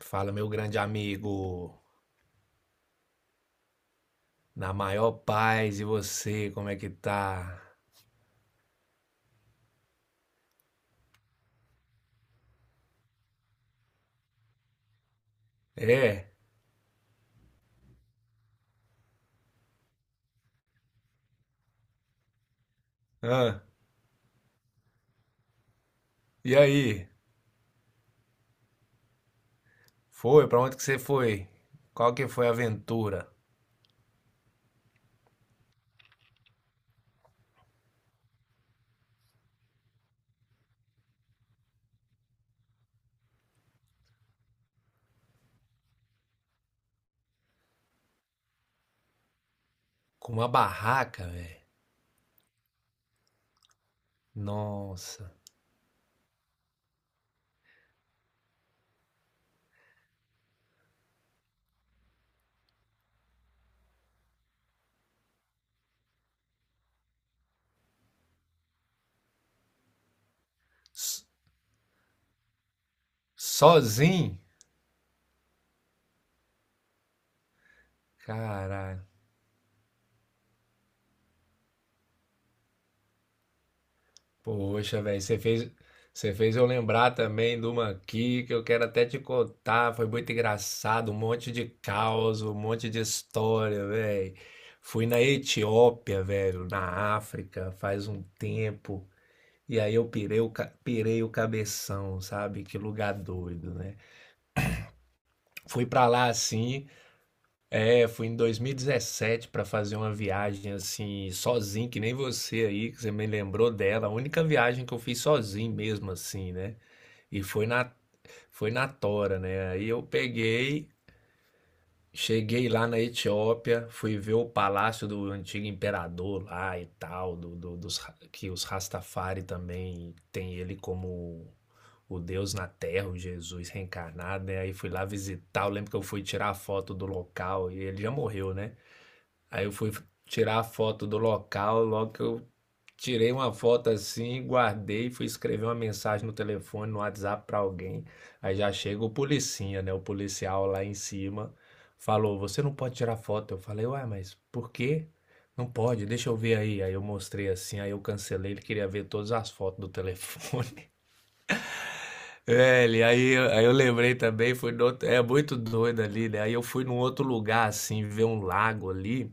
Fala, meu grande amigo. Na maior paz, e você, como é que tá? É? Ah. E aí? Foi? Pra onde que você foi? Qual que foi a aventura? Com uma barraca, velho. Nossa. S- Sozinho? Caralho. Poxa, velho, você fez eu lembrar também de uma aqui que eu quero até te contar. Foi muito engraçado, um monte de caos, um monte de história, velho. Fui na Etiópia, velho, na África, faz um tempo. E aí eu pirei pirei o cabeção, sabe? Que lugar doido, né? Fui pra lá assim. É, fui em 2017 para fazer uma viagem assim, sozinho, que nem você aí, que você me lembrou dela. A única viagem que eu fiz sozinho mesmo, assim, né? E foi na Tora, né? Aí eu peguei, cheguei lá na Etiópia, fui ver o palácio do antigo imperador lá e tal, que os Rastafari também tem ele como o Deus na Terra, o Jesus reencarnado, né? Aí fui lá visitar, eu lembro que eu fui tirar a foto do local e ele já morreu, né? Aí eu fui tirar a foto do local, logo que eu tirei uma foto assim, guardei, fui escrever uma mensagem no telefone, no WhatsApp pra alguém. Aí já chega o policinha, né? O policial lá em cima falou: "Você não pode tirar foto". Eu falei: "Ué, mas por quê? Não pode, deixa eu ver aí". Aí eu mostrei assim, aí eu cancelei, ele queria ver todas as fotos do telefone. Velho, aí eu lembrei também, fui no outro- é muito doido ali, né? Aí eu fui num outro lugar, assim, ver um lago ali.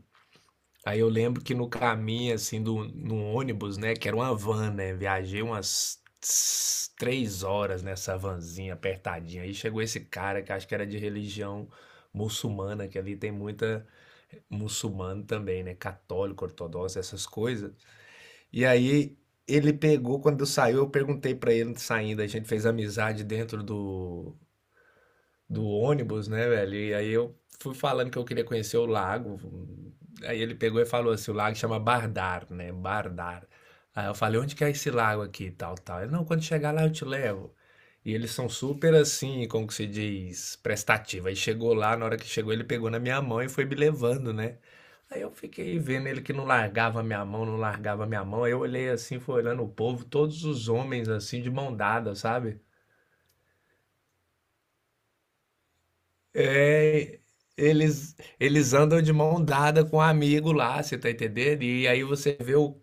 Aí eu lembro que no caminho, assim, do, no ônibus, né, que era uma van, né, viajei umas três horas nessa vanzinha apertadinha. Aí chegou esse cara que acho que era de religião muçulmana, que ali tem muita muçulmano também, né, católico, ortodoxo, essas coisas. E aí ele pegou, quando eu saiu, eu perguntei pra ele saindo, a gente fez amizade dentro do ônibus, né, velho? E aí eu fui falando que eu queria conhecer o lago. Aí ele pegou e falou assim: o lago chama Bardar, né? Bardar. Aí eu falei: onde que é esse lago aqui? Tal, tal. Ele: não, quando chegar lá eu te levo. E eles são super assim, como que se diz, prestativo. Aí chegou lá, na hora que chegou, ele pegou na minha mão e foi me levando, né? Aí eu fiquei vendo ele que não largava a minha mão, não largava a minha mão. Aí eu olhei assim, fui olhando o povo, todos os homens assim, de mão dada, sabe? É, eles, eles andam de mão dada com um amigo lá, você tá entendendo? E aí você vê o,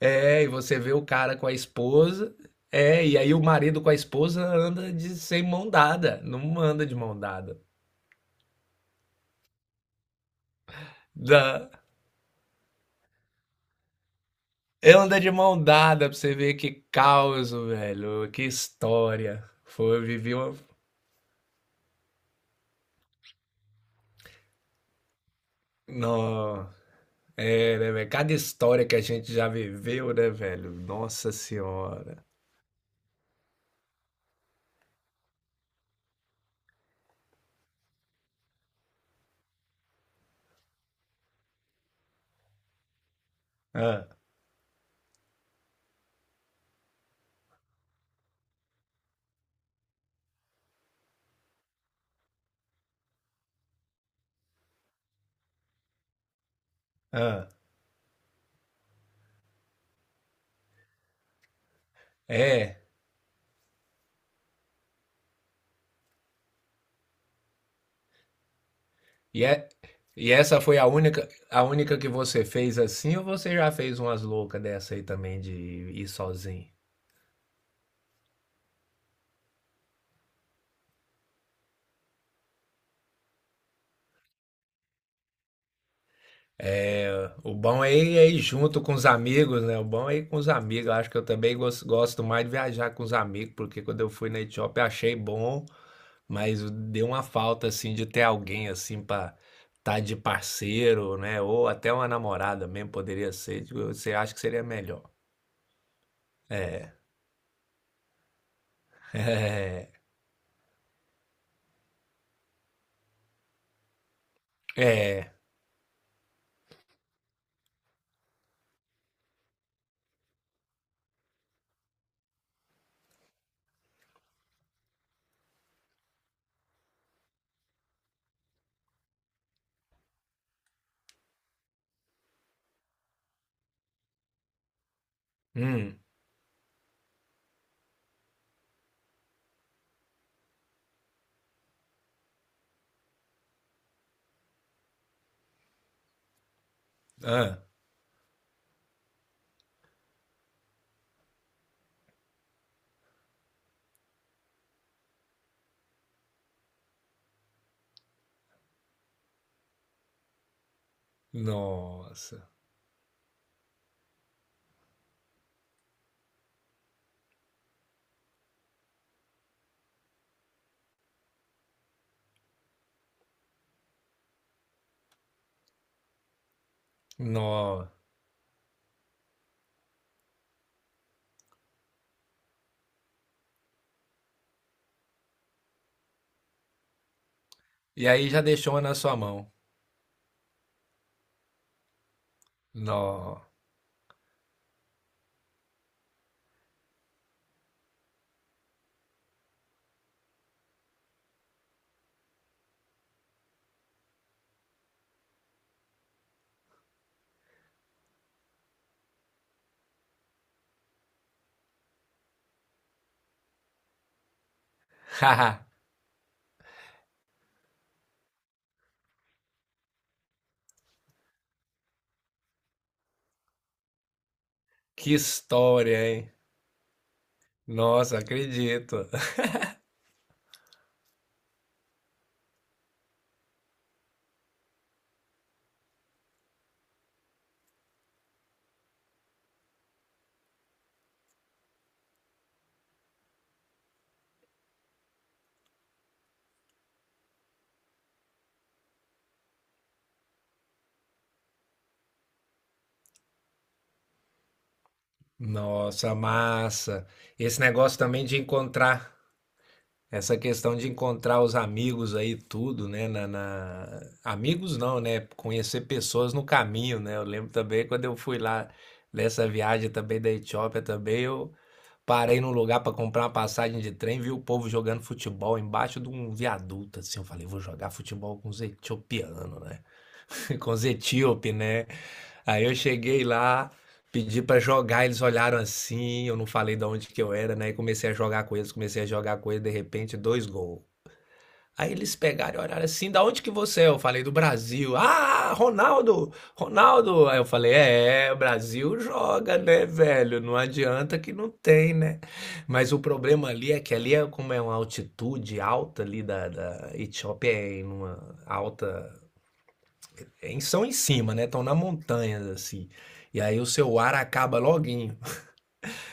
é, e você vê o cara com a esposa, é, e aí o marido com a esposa anda de sem mão dada, não anda de mão dada. Da, anda de mão dada pra você ver que caos, velho, que história. Foi, eu vivi uma. Não, é, né, velho? Cada história que a gente já viveu, né, velho? Nossa Senhora. Ah, ah, é. E, é, e essa foi a única que você fez assim, ou você já fez umas loucas dessa aí também de ir sozinho? É, o bom é ir junto com os amigos, né? O bom é ir com os amigos. Eu acho que eu também gosto mais de viajar com os amigos, porque quando eu fui na Etiópia achei bom, mas deu uma falta assim de ter alguém assim para estar de parceiro, né? Ou até uma namorada mesmo poderia ser. Tipo, você acha que seria melhor? É. Hum. Ah. Nossa. Nossa. E aí já deixou uma na sua mão. Nó. Haha, que história, hein? Nossa, acredito. Nossa, massa. Esse negócio também de encontrar, essa questão de encontrar os amigos aí, tudo, né? Amigos não, né? Conhecer pessoas no caminho, né? Eu lembro também quando eu fui lá nessa viagem também da Etiópia também, eu parei num lugar para comprar uma passagem de trem, vi o povo jogando futebol embaixo de um viaduto, assim. Eu falei, vou jogar futebol com os etiopianos, né? Com os etíope, né? Aí eu cheguei lá, pedi para jogar, eles olharam assim, eu não falei de onde que eu era, né? E comecei a jogar com eles, de repente, dois gols. Aí eles pegaram e olharam assim, da onde que você é? Eu falei, do Brasil. Ah, Ronaldo! Ronaldo! Aí eu falei, é, é, o Brasil joga, né, velho? Não adianta que não tem, né? Mas o problema ali é que ali é como é uma altitude alta ali da Etiópia, é em uma alta... São em cima, né? Estão na montanha, assim. E aí o seu ar acaba logo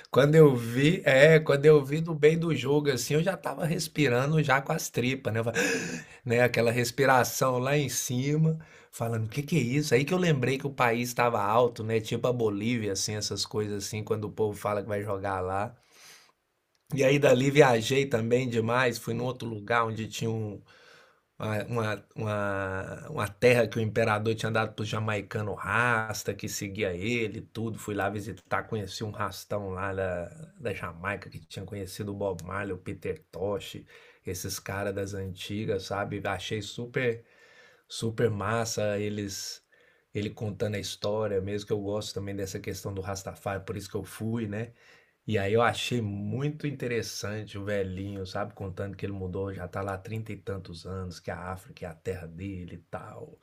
quando eu vi, quando eu vi do bem do jogo assim, eu já tava respirando já com as tripas, né? Eu falei, né, aquela respiração lá em cima, falando, o que que é isso? Aí que eu lembrei que o país estava alto, né? Tipo a Bolívia, assim, essas coisas assim, quando o povo fala que vai jogar lá. E aí dali viajei também demais, fui num outro lugar onde tinha uma terra que o imperador tinha dado pro jamaicano rasta, que seguia ele, e tudo. Fui lá visitar, conheci um rastão lá da Jamaica, que tinha conhecido o Bob Marley, o Peter Tosh, esses caras das antigas, sabe? Achei super massa ele contando a história, mesmo que eu gosto também dessa questão do Rastafari, por isso que eu fui, né? E aí eu achei muito interessante o velhinho, sabe, contando que ele mudou, já tá lá há 30 e tantos anos, que a África é a terra dele e tal.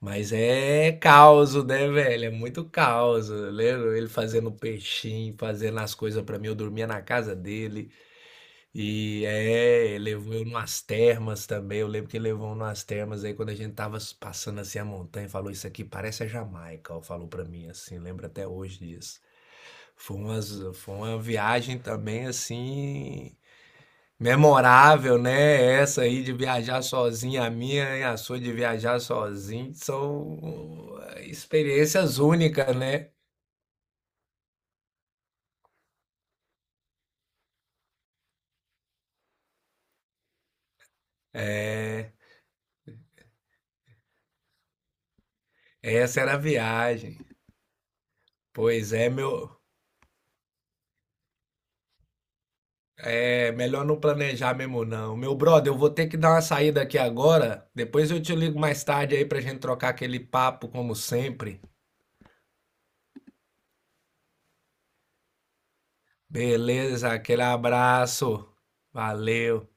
Mas é caos, né, velho? É muito caos. Eu lembro ele fazendo peixinho, fazendo as coisas pra mim, eu dormia na casa dele. E é, levou eu numas termas também. Eu lembro que levou numas termas aí quando a gente tava passando assim a montanha, falou isso aqui parece a Jamaica, ó, falou pra mim assim, lembro até hoje disso. Foi umas, foi uma viagem também assim memorável, né? Essa aí de viajar sozinho, a minha e a sua de viajar sozinho são experiências únicas, né? É, essa era a viagem. Pois é, meu é melhor não planejar mesmo, não. Meu brother, eu vou ter que dar uma saída aqui agora. Depois eu te ligo mais tarde aí pra gente trocar aquele papo, como sempre. Beleza, aquele abraço. Valeu.